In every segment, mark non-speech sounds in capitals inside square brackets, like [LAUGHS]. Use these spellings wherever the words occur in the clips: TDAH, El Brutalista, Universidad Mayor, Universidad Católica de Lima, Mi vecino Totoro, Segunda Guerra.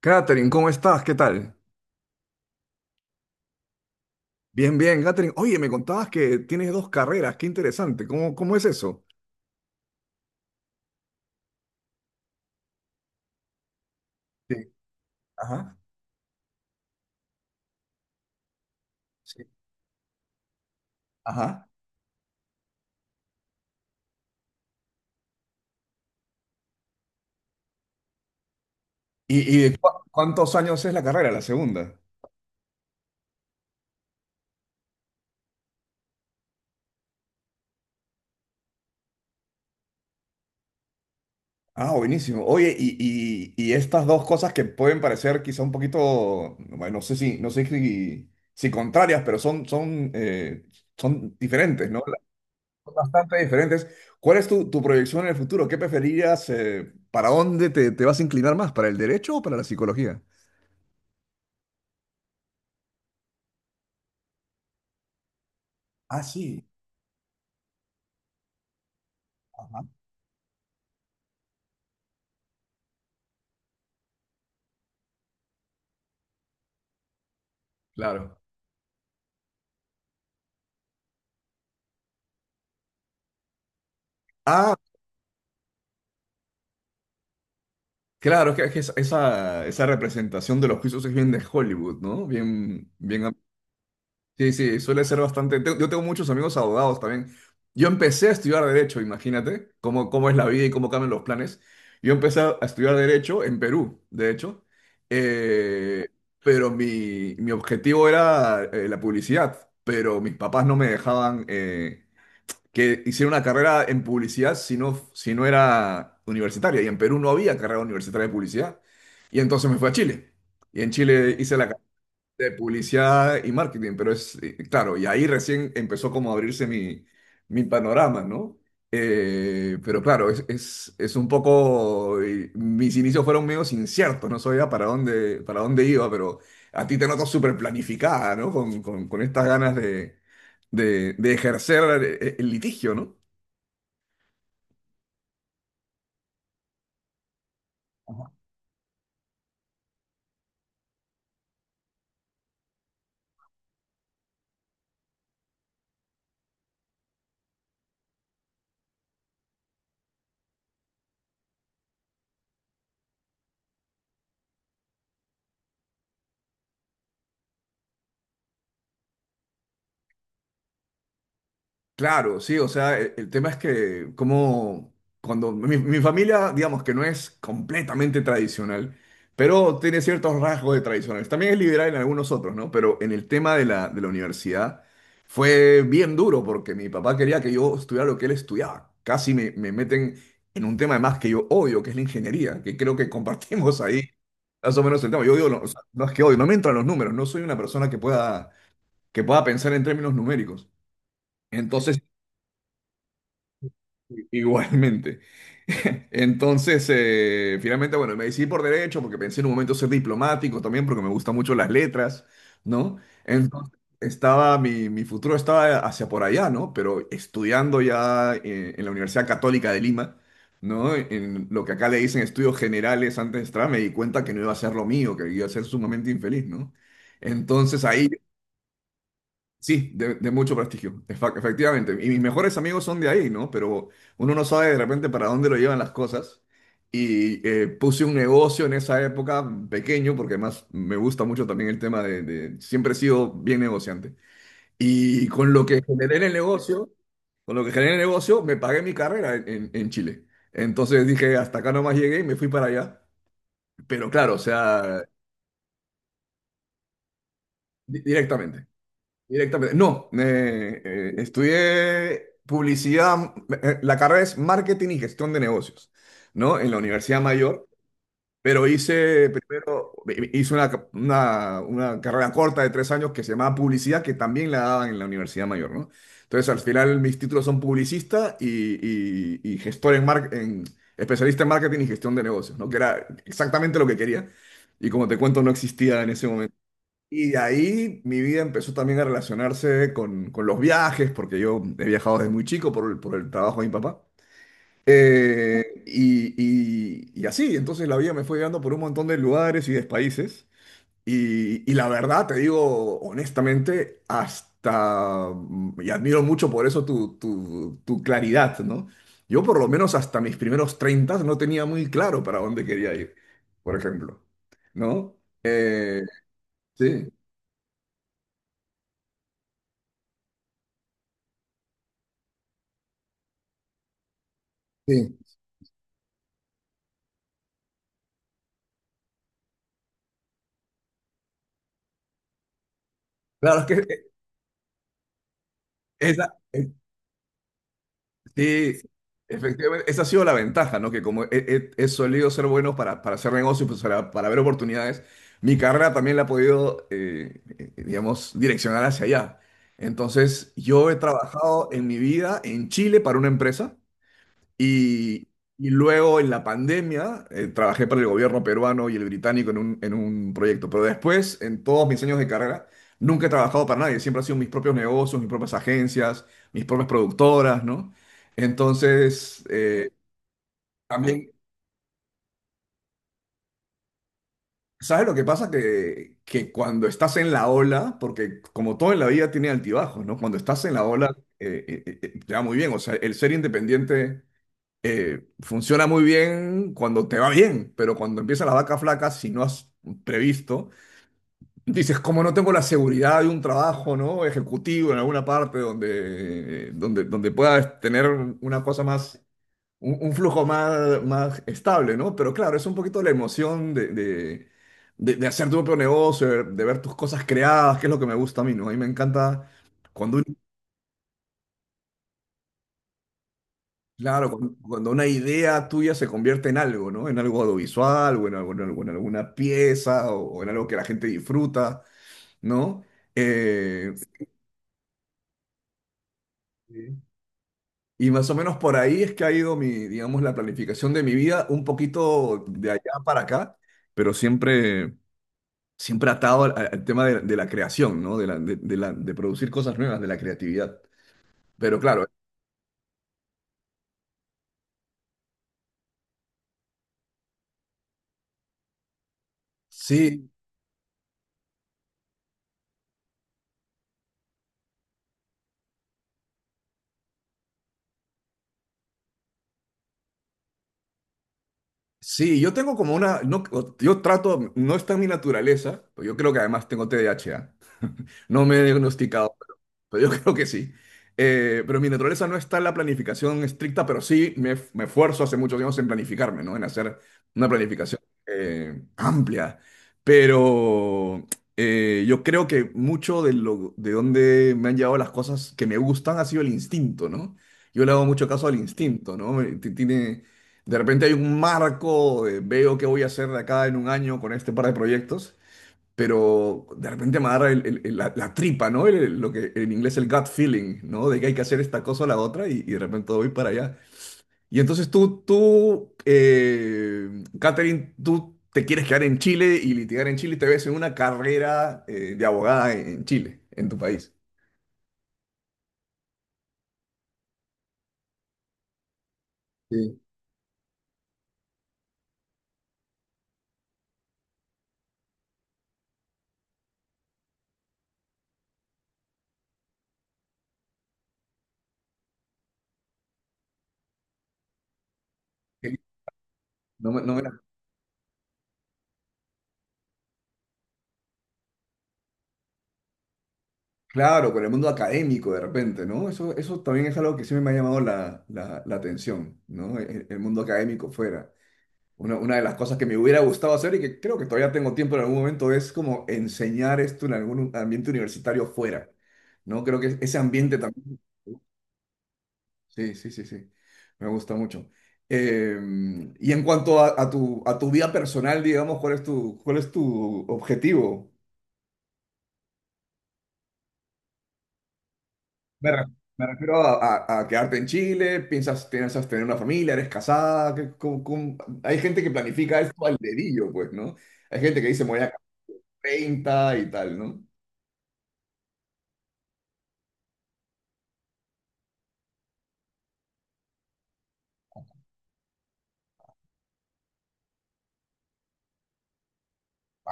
Catherine, ¿cómo estás? ¿Qué tal? Bien, bien, Catherine. Oye, me contabas que tienes dos carreras, qué interesante. ¿Cómo es eso? Sí, ajá, sí, ajá. ¿Y cuántos años es la carrera, la segunda? Ah, buenísimo. Oye, y estas dos cosas que pueden parecer quizá un poquito, bueno, no sé si contrarias, pero son diferentes, ¿no? Son bastante diferentes. ¿Cuál es tu proyección en el futuro? ¿Qué preferirías? ¿Para dónde te vas a inclinar más? ¿Para el derecho o para la psicología? Ah, sí. Ajá. Claro. Ah, claro, que esa representación de los juicios es bien de Hollywood, ¿no? Bien, bien. Sí, sí, suele ser bastante. Yo tengo muchos amigos abogados también. Yo empecé a estudiar Derecho, imagínate cómo es la vida y cómo cambian los planes. Yo empecé a estudiar Derecho en Perú, de hecho. Eh, pero mi objetivo era la publicidad, pero mis papás no me dejaban. Que hicieron una carrera en publicidad si no era universitaria. Y en Perú no había carrera universitaria de publicidad. Y entonces me fui a Chile. Y en Chile hice la de publicidad y marketing, pero es, claro, y ahí recién empezó como a abrirse mi panorama, ¿no? Pero claro, es un poco, y mis inicios fueron medio inciertos, no sabía para dónde iba, pero a ti te noto súper planificada, ¿no? Con estas ganas de ejercer el litigio, ¿no? Claro, sí, o sea, tema es que como cuando mi familia, digamos que no es completamente tradicional, pero tiene ciertos rasgos de tradicionales. También es liberal en algunos otros, ¿no? Pero en el tema de la universidad fue bien duro porque mi papá quería que yo estudiara lo que él estudiaba. Casi me meten en un tema además que yo odio, que es la ingeniería, que creo que compartimos ahí más o menos el tema. Yo digo, no, o sea, no es que odio, no me entran los números, no soy una persona que pueda pensar en términos numéricos. Entonces. Igualmente. [LAUGHS] Entonces, finalmente, bueno, me decidí por derecho porque pensé en un momento ser diplomático también porque me gustan mucho las letras, ¿no? Entonces, estaba, mi futuro estaba hacia por allá, ¿no? Pero estudiando ya en la Universidad Católica de Lima, ¿no? En lo que acá le dicen estudios generales antes de entrar, me di cuenta que no iba a ser lo mío, que iba a ser sumamente infeliz, ¿no? Entonces ahí. Sí, de mucho prestigio, efectivamente. Y mis mejores amigos son de ahí, ¿no? Pero uno no sabe de repente para dónde lo llevan las cosas. Y puse un negocio en esa época pequeño, porque además me gusta mucho también el tema de. Siempre he sido bien negociante. Y con lo que generé en el negocio, con lo que generé en el negocio, me pagué mi carrera en Chile. Entonces dije, hasta acá nomás llegué y me fui para allá. Pero claro, o sea, directamente. Directamente. No, estudié publicidad, la carrera es marketing y gestión de negocios, ¿no? En la Universidad Mayor, pero hice primero, hice una carrera corta de tres años que se llamaba publicidad, que también la daban en la Universidad Mayor, ¿no? Entonces, al final mis títulos son publicista y gestor en, mar- en especialista en marketing y gestión de negocios, ¿no? Que era exactamente lo que quería. Y como te cuento, no existía en ese. Y de ahí mi vida empezó también a relacionarse con los viajes, porque yo he viajado desde muy chico por el trabajo de mi papá. Y, y así, entonces la vida me fue llevando por un montón de lugares y de países. Y la verdad, te digo honestamente, hasta, y admiro mucho por eso tu claridad, ¿no? Yo por lo menos hasta mis primeros 30 no tenía muy claro para dónde quería ir, por ejemplo, ¿no? Eh, sí. Sí. Claro, es que e, esa, eh, sí, efectivamente, esa ha sido la ventaja, ¿no? Que como he solido ser bueno para hacer negocios, pues, para ver oportunidades, mi carrera también la ha podido, digamos, direccionar hacia allá. Entonces, yo he trabajado en mi vida en Chile para una empresa. Y, y luego en la pandemia trabajé para el gobierno peruano y el británico en un proyecto. Pero después, en todos mis años de carrera, nunca he trabajado para nadie. Siempre han sido mis propios negocios, mis propias agencias, mis propias productoras, ¿no? Entonces, también, ¿sabes lo que pasa? Que cuando estás en la ola, porque como todo en la vida tiene altibajos, ¿no? Cuando estás en la ola, te va muy bien. O sea, el ser independiente funciona muy bien cuando te va bien, pero cuando empiezan las vacas flacas, si no has previsto, dices, como no tengo la seguridad de un trabajo, ¿no? Ejecutivo en alguna parte donde puedas tener una cosa más, un flujo más estable, ¿no? Pero claro, es un poquito la emoción de hacer tu propio negocio, de ver tus cosas creadas, que es lo que me gusta a mí, ¿no? A mí me encanta cuando. Claro, cuando una idea tuya se convierte en algo, ¿no? En algo audiovisual o en alguna pieza o en algo que la gente disfruta, ¿no? Eh, y más o menos por ahí es que ha ido mi, digamos, la planificación de mi vida, un poquito de allá para acá, pero siempre atado al tema de la creación, ¿no? De producir cosas nuevas, de la creatividad. Pero claro, sí. Sí, yo tengo como una, no, yo trato, no está en mi naturaleza, pero yo creo que además tengo TDAH, ¿ah? No me he diagnosticado, pero yo [LAUGHS] creo que sí. Pero mi naturaleza no está en la planificación estricta, pero sí me esfuerzo hace muchos años en planificarme, ¿no? En hacer una planificación amplia. Pero yo creo que mucho de donde me han llevado las cosas que me gustan ha sido el instinto, ¿no? Yo le hago mucho caso al instinto, ¿no? Tiene, de repente hay un marco, veo qué voy a hacer de acá en un año con este par de proyectos, pero de repente me agarra la tripa, ¿no? Lo que en inglés el gut feeling, ¿no? De que hay que hacer esta cosa o la otra y de repente voy para allá. Y entonces tú, Catherine, tú te quieres quedar en Chile y litigar en Chile y te ves en una carrera de abogada en Chile, en tu país. Sí. No, claro, con el mundo académico de repente, ¿no? Eso también es algo que siempre me ha llamado la atención, ¿no? El mundo académico fuera. Una de las cosas que me hubiera gustado hacer y que creo que todavía tengo tiempo en algún momento es como enseñar esto en algún ambiente universitario fuera, ¿no? Creo que ese ambiente también. Sí, sí, sí, sí, me gusta mucho. Eh, y en cuanto a, a tu vida personal, digamos, ¿cuál es tu objetivo? Me, re- Me refiero a, a quedarte en Chile, piensas tener una familia, eres casada, ¿cómo? Hay gente que planifica esto al dedillo, pues, ¿no? Hay gente que dice, me voy a casar 30 y tal, ¿no?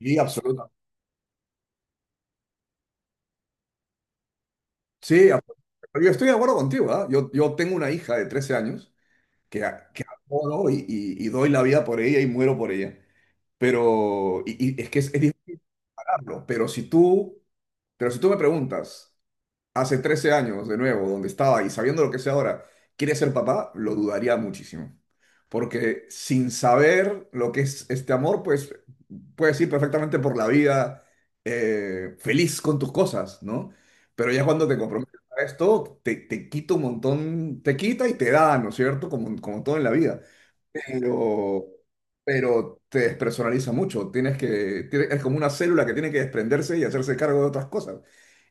Sí, absoluta. Sí, absoluta. Pero yo estoy de acuerdo contigo, ¿ah? Yo tengo una hija de 13 años que, que adoro y, y doy la vida por ella y muero por ella. Pero y es que es difícil pararlo. Pero si tú me preguntas, hace 13 años, de nuevo, donde estaba y sabiendo lo que sé ahora, quiere ser papá, lo dudaría muchísimo. Porque sin saber lo que es este amor, pues puedes ir perfectamente por la vida feliz con tus cosas, ¿no? Pero ya cuando te comprometes a esto, te quita un montón, te quita y te da, ¿no es cierto? Como todo en la vida. Pero, pero te despersonaliza mucho. Tienes que, es como una célula que tiene que desprenderse y hacerse cargo de otras cosas.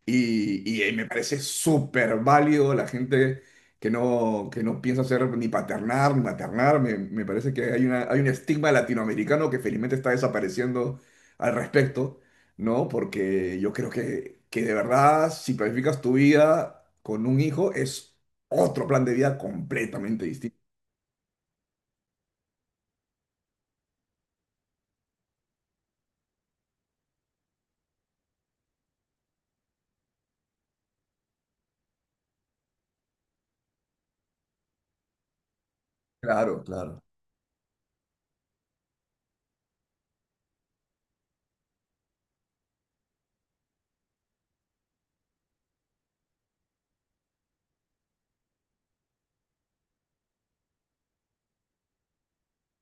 Y me parece súper válido la gente que no piensa ser ni paternar ni maternar. Me parece que hay un estigma latinoamericano que felizmente está desapareciendo al respecto, ¿no? Porque yo creo que de verdad, si planificas tu vida con un hijo, es otro plan de vida completamente distinto. Claro, claro.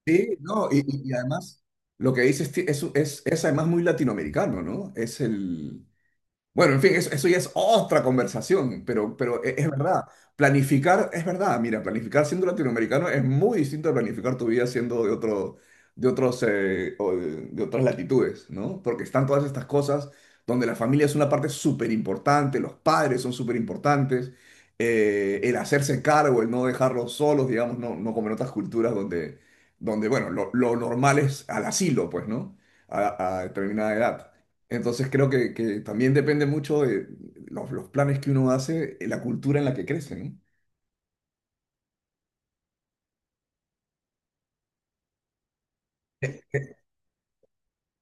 Sí, no, y, y además lo que dices es, es además muy latinoamericano, ¿no? Es el. Bueno, en fin, eso ya es otra conversación, pero, pero verdad. Planificar, es verdad, mira, planificar siendo latinoamericano es muy distinto a planificar tu vida siendo de otro, de otros, o de otras latitudes, ¿no? Porque están todas estas cosas donde la familia es una parte súper importante, los padres son súper importantes, el hacerse cargo, el no dejarlos solos, digamos, no como en otras culturas donde bueno, lo normal es al asilo, pues, ¿no? A determinada edad. Entonces creo que también depende mucho de los planes que uno hace, la cultura en la que crece, ¿no?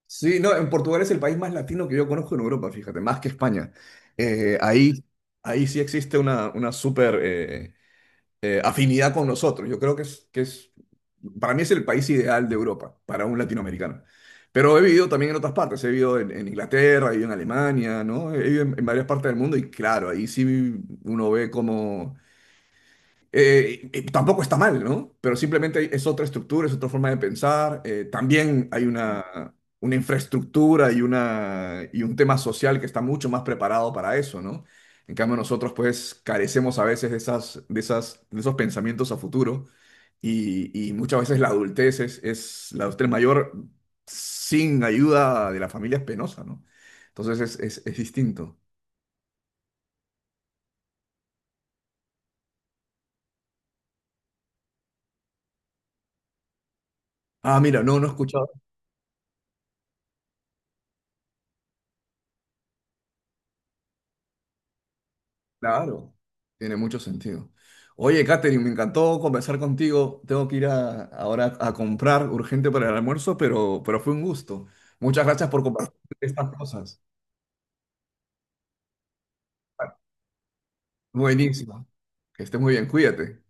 Sí, no, en Portugal es el país más latino que yo conozco en Europa, fíjate, más que España. Eh, ahí, ahí sí existe una súper afinidad con nosotros. Yo creo que para mí es el país ideal de Europa, para un latinoamericano. Pero he vivido también en otras partes, he vivido en Inglaterra, he vivido en Alemania, ¿no? He vivido en varias partes del mundo y claro, ahí sí uno ve como. Tampoco está mal, ¿no? Pero simplemente es otra estructura, es otra forma de pensar. También hay una infraestructura y un tema social que está mucho más preparado para eso, ¿no? En cambio, nosotros pues carecemos a veces de esas, de esos pensamientos a futuro y muchas veces la adultez es la adultez mayor sin ayuda de la familia es penosa, ¿no? Entonces es distinto. Ah, mira, no, no he escuchado. Claro, tiene mucho sentido. Oye, Katherine, me encantó conversar contigo. Tengo que ir ahora a comprar urgente para el almuerzo, pero, fue un gusto. Muchas gracias por compartir estas cosas. Buenísimo. Que estés muy bien, cuídate.